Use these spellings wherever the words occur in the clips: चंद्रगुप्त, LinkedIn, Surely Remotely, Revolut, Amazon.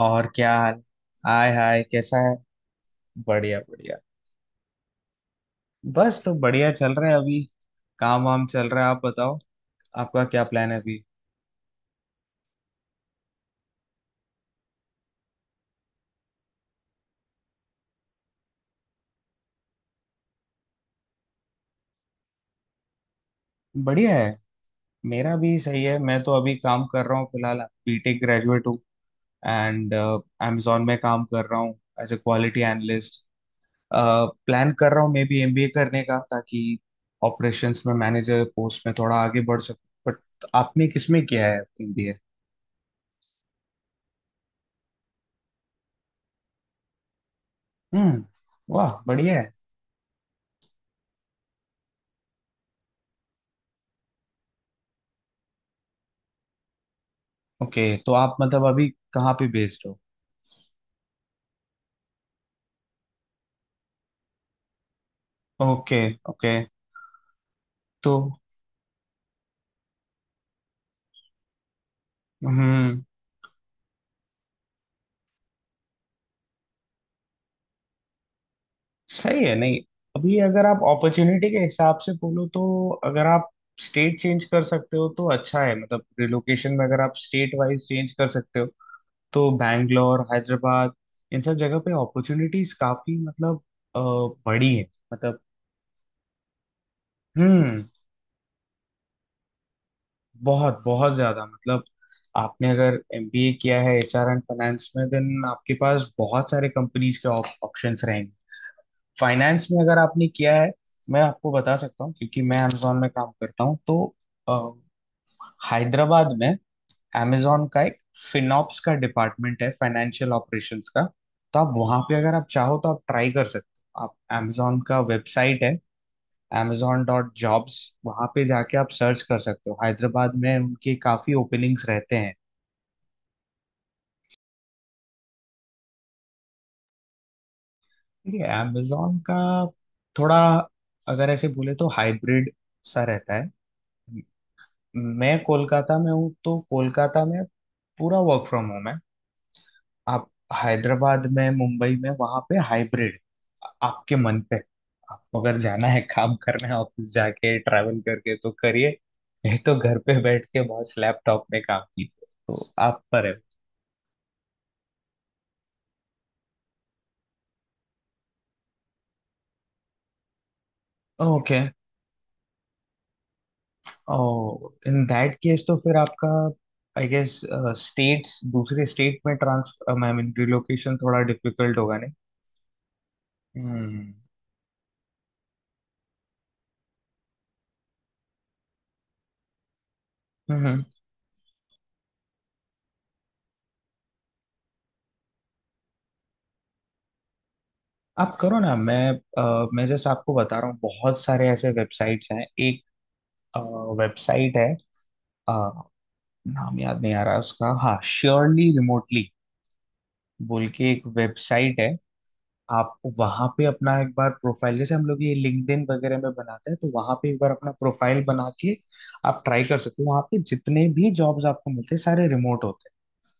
और क्या हाल? हाय हाय, कैसा है? बढ़िया, बढ़िया। बस तो बढ़िया चल रहा है अभी। काम वाम चल रहा है, आप बताओ। आपका क्या प्लान है अभी? बढ़िया है। मेरा भी सही है, मैं तो अभी काम कर रहा हूँ फिलहाल। बीटेक ग्रेजुएट हूँ एंड अमेजोन में काम कर रहा हूँ as a quality analyst. Plan कर रहा हूँ मे बी एमबीए करने का, ताकि ऑपरेशंस में मैनेजर पोस्ट में थोड़ा आगे बढ़ सकूँ, बट आपने किसमें किया है एमबीए? हम्म। वाह, बढ़िया है। ओके, तो आप मतलब अभी कहाँ पे बेस्ड हो? ओके। ओके। तो हम्म सही है। नहीं, अभी अगर आप अपॉर्चुनिटी के हिसाब से बोलो तो, अगर आप स्टेट चेंज कर सकते हो तो अच्छा है। मतलब रिलोकेशन में अगर आप स्टेट वाइज चेंज कर सकते हो तो बैंगलोर, हैदराबाद, इन सब जगह पे अपॉर्चुनिटीज काफी मतलब अ, बड़ी है। मतलब हम्म। बहुत बहुत ज्यादा मतलब, आपने अगर एमबीए किया है एचआर एंड फाइनेंस में, देन आपके पास बहुत सारे कंपनीज के ऑप्शंस रहेंगे। फाइनेंस में अगर आपने किया है, मैं आपको बता सकता हूँ क्योंकि मैं अमेजोन में काम करता हूँ। तो अ, हैदराबाद में अमेजोन का एक फिनॉप्स का डिपार्टमेंट है, फाइनेंशियल ऑपरेशंस का। तो आप वहां पे अगर आप चाहो तो आप ट्राई कर सकते हो। आप अमेजोन का वेबसाइट है amazon डॉट जॉब्स। वहाँ पे जाके आप सर्च कर सकते हो, हैदराबाद में उनके काफ़ी ओपनिंग्स रहते हैं। ठीक है। amazon का थोड़ा अगर ऐसे बोले तो हाइब्रिड सा रहता है। मैं कोलकाता में हूँ, तो कोलकाता में पूरा वर्क फ्रॉम होम है। आप हैदराबाद में, मुंबई में, वहाँ पे हाइब्रिड। आपके मन पे, आपको अगर जाना है, काम करना है ऑफिस जाके ट्रैवल करके, तो करिए। नहीं तो घर पे बैठ के बस लैपटॉप में काम कीजिए, तो आप पर है। Okay. Oh, in that case तो फिर आपका, आई गेस, स्टेट्स दूसरे स्टेट में ट्रांसफर, आई मीन रिलोकेशन थोड़ा डिफिकल्ट होगा, नहीं? हम्म। हम्म। आप करो ना। मैं जस्ट आपको बता रहा हूँ, बहुत सारे ऐसे वेबसाइट्स हैं। एक वेबसाइट है अ, नाम याद नहीं आ रहा उसका। हाँ, श्योरली रिमोटली बोल के एक वेबसाइट है। आप वहां पे अपना एक बार प्रोफाइल, जैसे हम लोग ये लिंक्डइन वगैरह में बनाते हैं, तो वहां पे एक बार अपना प्रोफाइल बना के आप ट्राई कर सकते हो। वहां पे जितने भी जॉब्स आपको मिलते हैं सारे रिमोट होते हैं।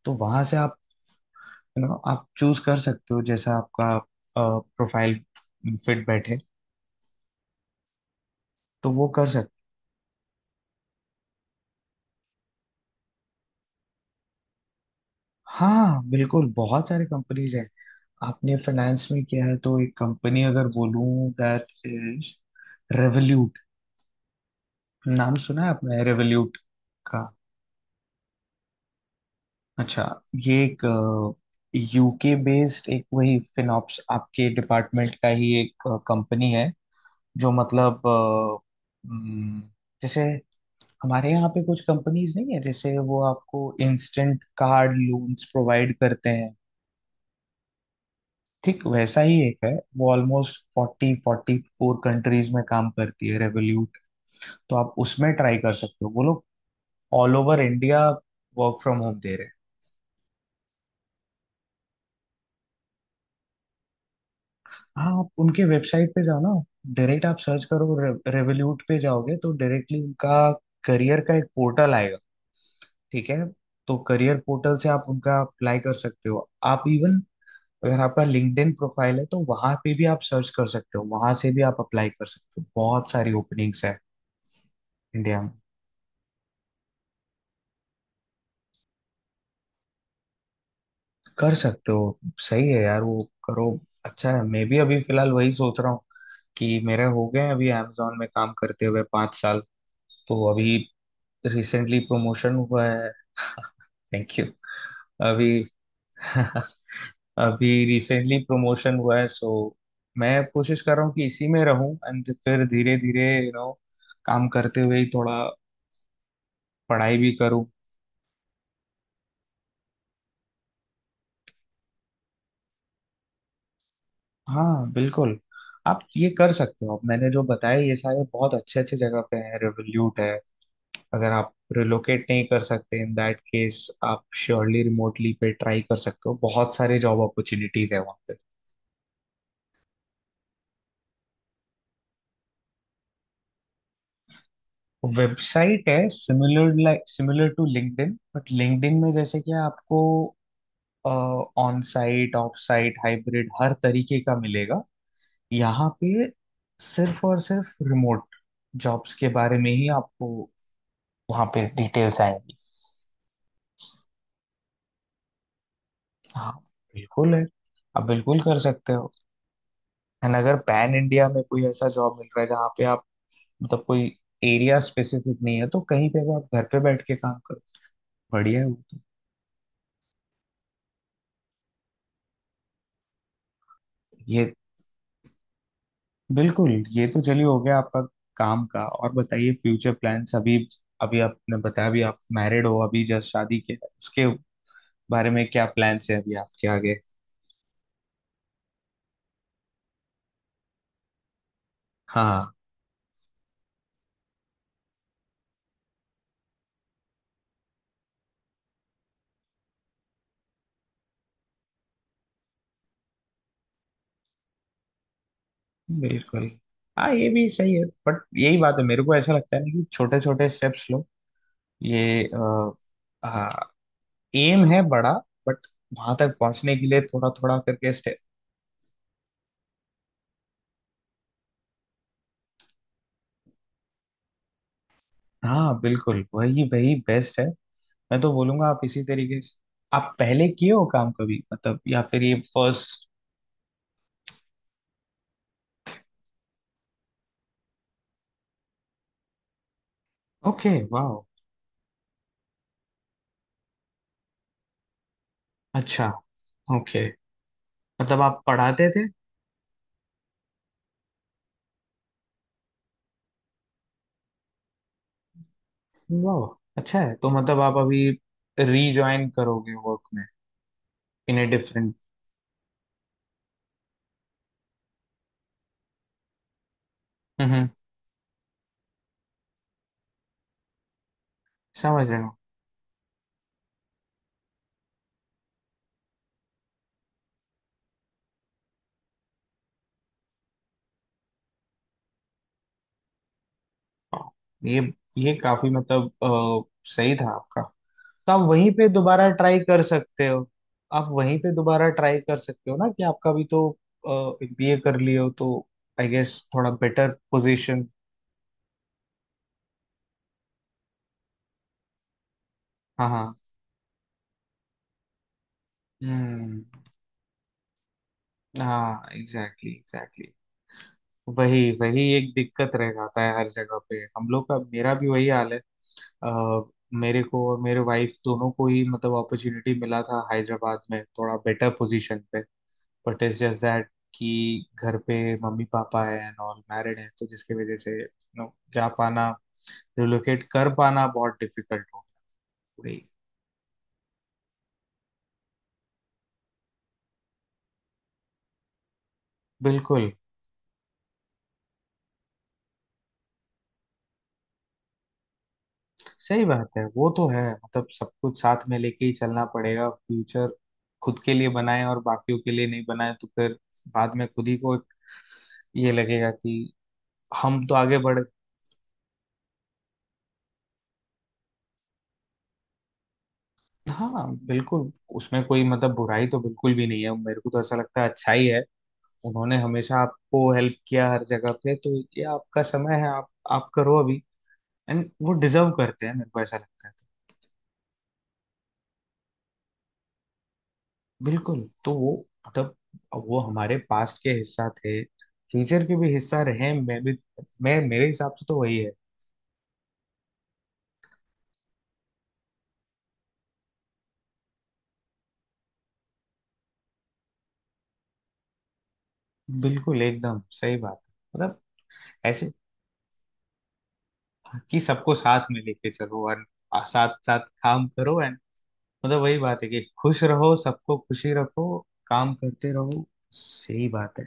तो वहां से आप यू नो आप चूज कर सकते हो जैसा आपका प्रोफाइल फिट बैठे। तो वो कर सकते हो। हाँ, बिल्कुल। बहुत सारे कंपनीज हैं। आपने फाइनेंस में किया है, तो एक कंपनी अगर बोलूं, दैट इज रेवल्यूट। नाम सुना है आपने रेवल्यूट का? अच्छा। ये एक यूके बेस्ड, एक वही फिनॉप्स, आपके डिपार्टमेंट का ही एक कंपनी है, जो मतलब हम्म, जैसे हमारे यहाँ पे कुछ कंपनीज नहीं है जैसे, वो आपको इंस्टेंट कार्ड लोन्स प्रोवाइड करते हैं, ठीक वैसा ही एक है। वो almost forty forty four countries में काम करती है रेवोल्यूट। तो आप उसमें ट्राई कर सकते हो। वो लोग all over India work from home दे रहे हैं। हाँ, आप उनके वेबसाइट पे जाओ ना। डायरेक्ट आप सर्च करो, रेवोल्यूट पे जाओगे तो डायरेक्टली उनका करियर का एक पोर्टल आएगा। ठीक है। तो करियर पोर्टल से आप उनका अप्लाई कर सकते हो। आप इवन, अगर आपका लिंक्डइन प्रोफाइल है, तो वहां पे भी आप सर्च कर सकते हो, वहां से भी आप अप्लाई कर सकते हो। बहुत सारी ओपनिंग्स है इंडिया में, कर सकते हो। सही है यार, वो करो। अच्छा है। मैं भी अभी फिलहाल वही सोच रहा हूँ, कि मेरे हो गए हैं अभी अमेजोन में काम करते हुए 5 साल। तो अभी रिसेंटली प्रमोशन हुआ है। Thank you. अभी अभी रिसेंटली प्रमोशन हुआ है, सो मैं कोशिश कर रहा हूँ कि इसी में रहूं, एंड फिर धीरे धीरे काम करते हुए ही थोड़ा पढ़ाई भी करूं। हाँ, बिल्कुल। आप ये कर सकते हो, मैंने जो बताया ये सारे बहुत अच्छे अच्छे जगह पे है। रिवोल्यूट है, अगर आप रिलोकेट नहीं कर सकते, इन दैट केस आप श्योरली रिमोटली पे ट्राई कर सकते हो। बहुत सारे जॉब अपॉर्चुनिटीज है वहाँ। वेबसाइट है similar, like similar to LinkedIn, but LinkedIn में जैसे कि आपको on site, off site, hybrid हर तरीके का मिलेगा, यहाँ पे सिर्फ और सिर्फ रिमोट जॉब्स के बारे में ही आपको वहाँ पे डिटेल्स आएंगी। हाँ, बिल्कुल है। आप बिल्कुल कर सकते हो। एंड अगर पैन इंडिया में कोई ऐसा जॉब मिल रहा है जहाँ पे आप मतलब कोई एरिया स्पेसिफिक नहीं है, तो कहीं पे भी आप घर पे बैठ के काम करो, बढ़िया है वो तो। ये बिल्कुल। ये तो चलिए हो गया आपका काम का। और बताइए फ्यूचर प्लान्स अभी। अभी आपने बताया अभी आप मैरिड हो, अभी जस्ट शादी किया है। उसके बारे में क्या प्लान्स है अभी आपके आगे? हाँ, बिल्कुल। हाँ ये भी सही है, बट यही बात है, मेरे को ऐसा लगता है ना, कि छोटे छोटे स्टेप्स लो। ये हाँ, एम है बड़ा, बट वहां तक पहुंचने के लिए थोड़ा थोड़ा करके स्टेप। हाँ बिल्कुल, वही वही बेस्ट है। मैं तो बोलूंगा आप इसी तरीके से। आप पहले किए हो काम कभी, मतलब, या फिर ये फर्स्ट? ओके, वाह। अच्छा। ओके। मतलब आप पढ़ाते थे? वाह, अच्छा है। तो मतलब आप अभी रीजॉइन करोगे वर्क में? In a different. हम्म। समझ रहे हो। वाह, ये ये काफी मतलब सही था आपका। तो आप वहीं पे दोबारा ट्राई कर सकते हो। आप वहीं पे दोबारा ट्राई कर सकते हो ना, कि आपका भी तो बीए कर लिए हो, तो आई गेस थोड़ा बेटर पोजीशन। हाँ हाँ। हम्म। हाँ, एग्जैक्टली, एग्जैक्टली। वही वही एक दिक्कत रह जाता है हर जगह पे हम लोग का, मेरा भी वही हाल है। अ, मेरे को और मेरे वाइफ दोनों को ही मतलब अपॉर्चुनिटी मिला था हैदराबाद में थोड़ा बेटर पोजीशन पे, बट इट्स जस्ट दैट कि घर पे मम्मी पापा है एंड ऑल मैरिड है, तो जिसकी वजह से नो, जा पाना, रिलोकेट कर पाना बहुत डिफिकल्ट हो गई। बिल्कुल, सही बात है, वो तो है। मतलब सब कुछ साथ में लेके ही चलना पड़ेगा। फ्यूचर खुद के लिए बनाए और बाकियों के लिए नहीं बनाए, तो फिर बाद में खुद ही को एक ये लगेगा कि हम तो आगे बढ़। हाँ बिल्कुल। उसमें कोई मतलब बुराई तो बिल्कुल भी नहीं है, मेरे को तो ऐसा लगता है अच्छा ही है। उन्होंने हमेशा आपको हेल्प किया हर जगह पे, तो ये आपका समय है, आप करो अभी। एंड वो डिजर्व करते हैं, मेरे को ऐसा लगता है। बिल्कुल। तो वो मतलब अब वो हमारे पास्ट के हिस्सा थे, फ्यूचर के भी हिस्सा रहे। मैं मेरे हिसाब से तो वही है। बिल्कुल, एकदम सही बात। मतलब ऐसे कि सबको साथ में लेके चलो और साथ साथ काम करो। एंड मतलब वही बात है कि खुश रहो, सबको खुशी रखो, काम करते रहो। सही बात है।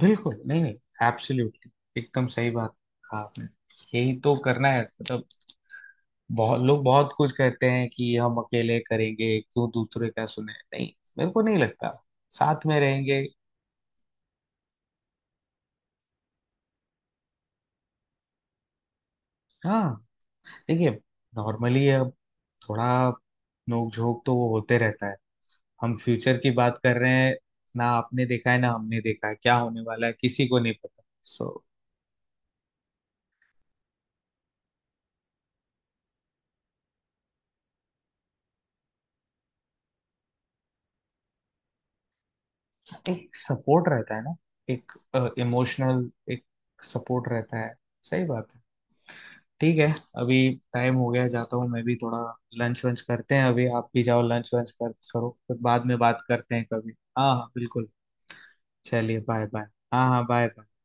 बिल्कुल, नहीं नहीं, एब्सोल्युटली एकदम सही बात कहा आपने। यही तो करना है, मतलब बहुत लोग बहुत कुछ कहते हैं कि हम अकेले करेंगे, क्यों दूसरे का सुने। नहीं, मेरे को नहीं लगता, साथ में रहेंगे। हाँ। देखिए नॉर्मली अब थोड़ा नोक झोंक तो वो होते रहता है, हम फ्यूचर की बात कर रहे हैं ना। आपने देखा है ना, हमने देखा है, क्या होने वाला है किसी को नहीं पता। सो एक सपोर्ट रहता है ना, एक इमोशनल एक सपोर्ट रहता है। सही बात है। ठीक है। अभी टाइम हो गया, जाता हूँ मैं भी थोड़ा लंच वंच करते हैं अभी, आप भी जाओ लंच वंच कर करो फिर बाद में बात करते हैं कभी। हाँ हाँ बिल्कुल। चलिए, बाय बाय। हाँ हाँ बाय।